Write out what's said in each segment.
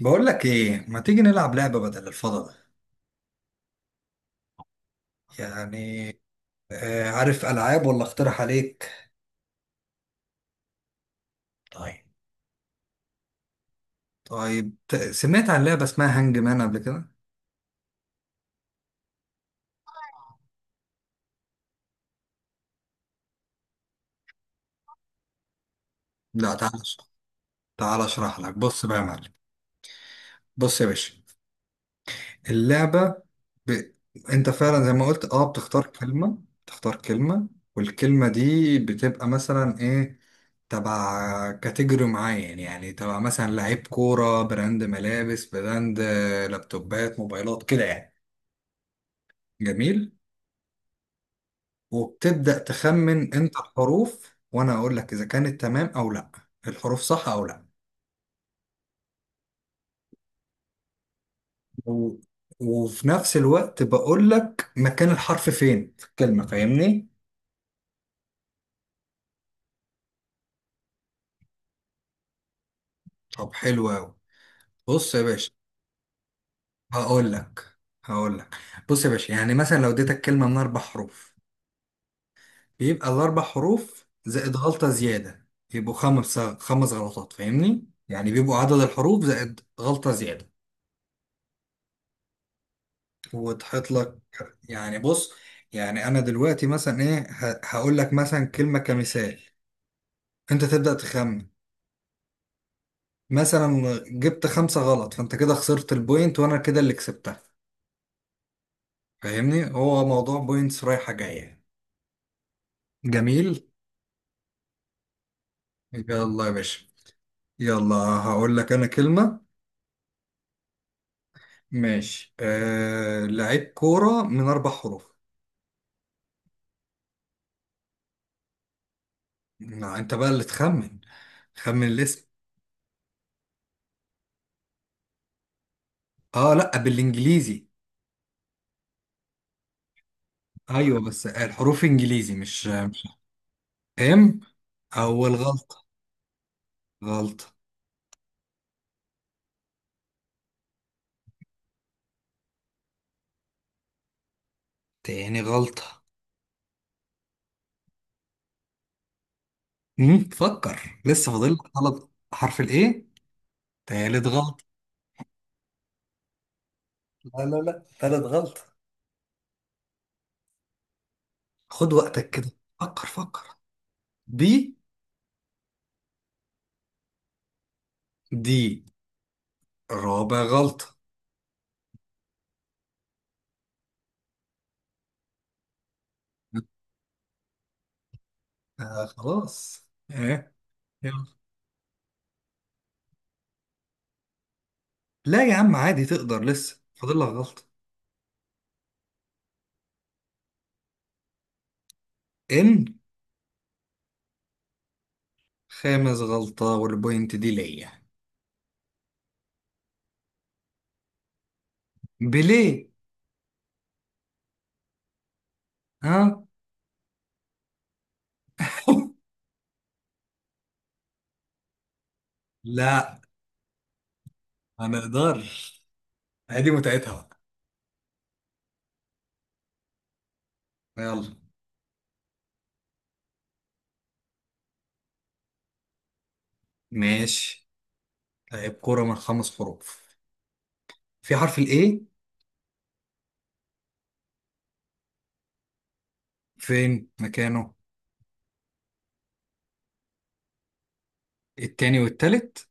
بقول لك ايه ما تيجي نلعب لعبة بدل الفضاء. يعني عارف العاب ولا اقترح عليك؟ طيب، طيب، سمعت عن لعبة اسمها هانج مان قبل كده؟ لا تعال أش- تعال اشرح لك، بص بقى يا معلم. بص يا باشا، اللعبة ب... انت فعلا زي ما قلت، اه، بتختار كلمة. تختار كلمة، والكلمة دي بتبقى مثلا ايه؟ تبع كاتيجوري معين، يعني تبع مثلا لعيب كورة، براند ملابس، براند لابتوبات، موبايلات، كده يعني. جميل. وبتبدأ تخمن انت الحروف وانا اقول لك اذا كانت تمام او لا، الحروف صح او لا. و... وفي نفس الوقت بقول لك مكان الحرف فين في الكلمة، فاهمني؟ طب حلو قوي. بص يا باشا، هقول لك هقول لك. بص يا باشا، يعني مثلا لو اديتك كلمة من اربع حروف، بيبقى الاربع حروف زائد غلطة زيادة. يبقوا خمس غلطات، فاهمني؟ يعني بيبقوا عدد الحروف زائد غلطة زيادة وتحط لك. يعني بص، يعني انا دلوقتي مثلا ايه، هقول لك مثلا كلمة كمثال، انت تبدأ تخمن. مثلا جبت خمسة غلط، فانت كده خسرت البوينت وانا كده اللي كسبتها. فاهمني؟ هو موضوع بوينتس رايحة جاية. جميل. يلا يا باشا، يلا هقول لك انا كلمة. ماشي، لعيب كورة من اربع حروف. ما انت بقى اللي تخمن، خمن الاسم. اه لا، بالانجليزي. ايوه بس الحروف انجليزي مش. ام، اول غلطة. غلطة. تاني غلطة. مم، فكر، لسه فاضل لك غلط. حرف الايه، تالت غلطة. لا لا لا، تالت غلطة. خد وقتك كده، فكر فكر. بي. دي، رابع غلطة. آه خلاص، ايه؟ يلا. لا يا عم، عادي، تقدر، لسه فاضل لك غلطة. ان، خامس غلطة والبوينت دي ليا. بليه. ها. لا، ما نقدرش، هي دي متعتها بقى. يلا. ماشي، لاعب كورة من خمس حروف. في حرف الاي. فين مكانه؟ التاني والتالت.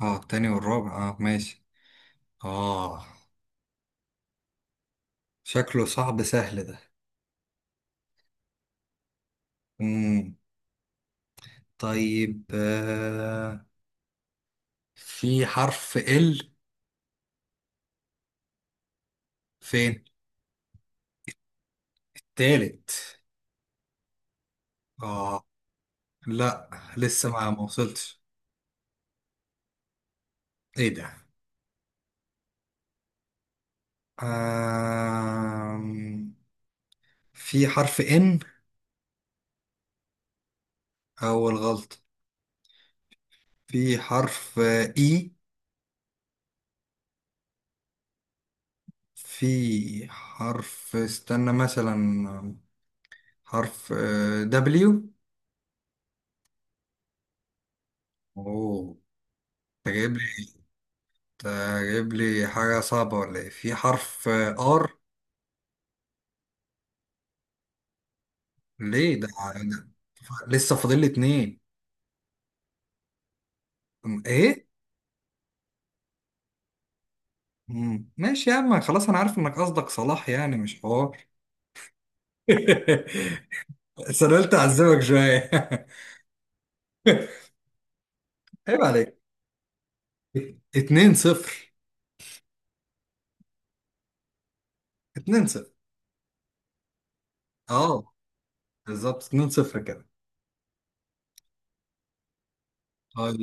اه التاني والرابع، اه ماشي، اه. شكله صعب، سهل ده. مم. طيب، آه، في حرف ال. فين؟ تالت. اه. لا لسه، ما وصلتش. ايه ده؟ آم، في حرف ان. اول غلط. في حرف اي. في حرف، استنى مثلا، حرف دبليو. اوه، انت جايب لي، انت جايب لي حاجة صعبة ولا ايه؟ في حرف ار. ليه ده؟ ده لسه فاضل لي اتنين. ايه. مم. ماشي يا عم، خلاص، انا عارف انك قصدك صلاح يعني، مش حوار. بس انا قلت اعذبك شوية. عيب عليك. اتنين صفر، اتنين صفر. اه بالظبط، اتنين صفر كده. اه،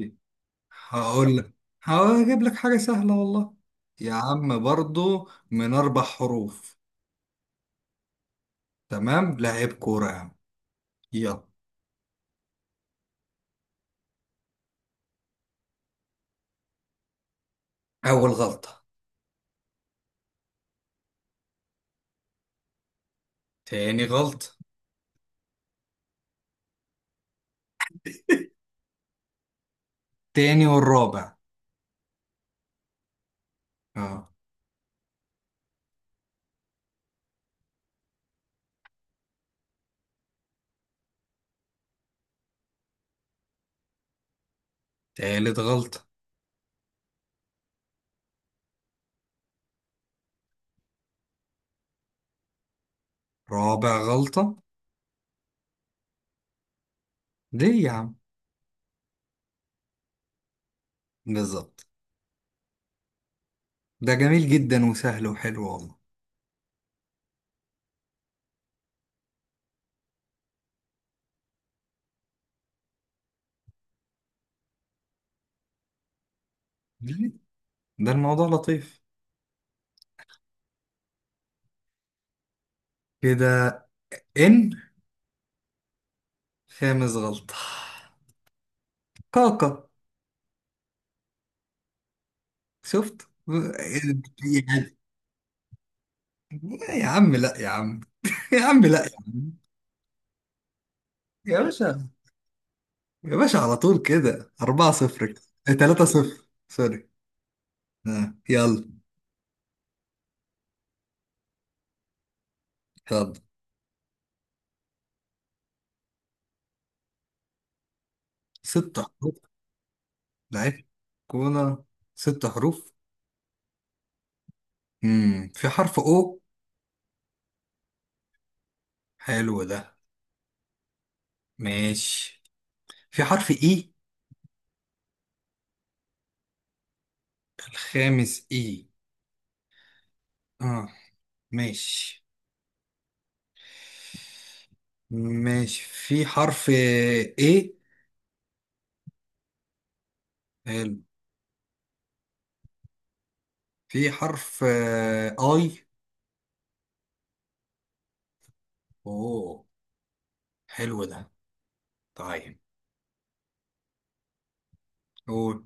هقول لك، هجيب لك حاجة سهلة والله. يا عم برضو من أربع حروف. تمام، لعيب كورة يا عم. يلا. أول غلطة. تاني غلطة. تاني والرابع. اه. تالت غلطة. رابع غلطة. ليه يا عم؟ بالظبط. ده جميل جدا وسهل وحلو والله. ليه؟ ده الموضوع لطيف كده. إن، خامس غلطة. كاكا. شفت؟ يعني. يا عم لا يا عم. يا عم لا يا عم. يا باشا، يا باشا، على طول كده، 4-0. 3-0 سوري. آه، يلا. يلا، ست حروف. لعيب كوره، ست حروف. امم، في حرف او. حلو ده، ماشي. في حرف اي. الخامس اي، اه، ماشي ماشي. في حرف ايه. حلو. في حرف اي. اوه، حلو ده. طيب. قول.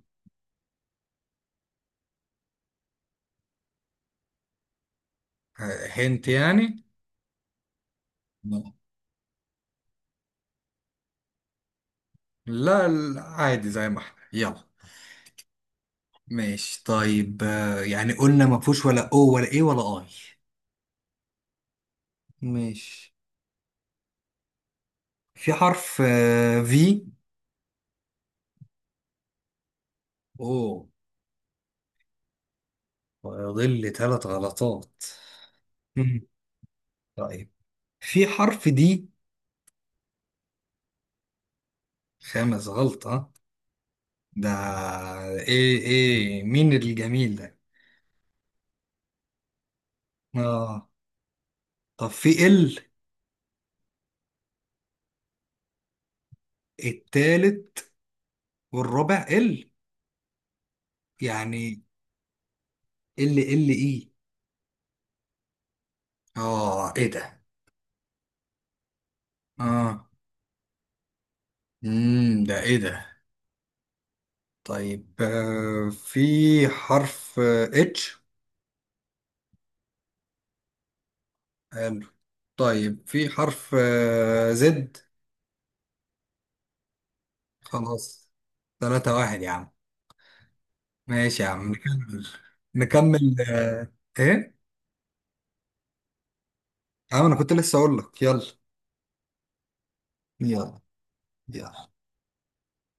آه هنت يعني. لا، عادي، زي ما احنا، يلا. ماشي، طيب، آه، يعني قلنا ما فيهوش ولا او، ولا ايه، ولا اي. ماشي. في حرف. في. او. ويضل لي ثلاث غلطات. مم. طيب، في حرف دي. خامس غلطة. ده ايه؟ ايه مين الجميل ده؟ اه. طب في ال. التالت والرابع. ال، يعني، ال ال ايه. اه ايه ده؟ اه. امم، ده ايه ده؟ طيب، آه، في حرف اتش. حلو. طيب، في حرف زد. خلاص، ثلاثة واحد يا عم. ماشي يا عم، نكمل. نكمل آه، ايه؟ اه انا كنت لسه اقول لك يلا. يلا. يلا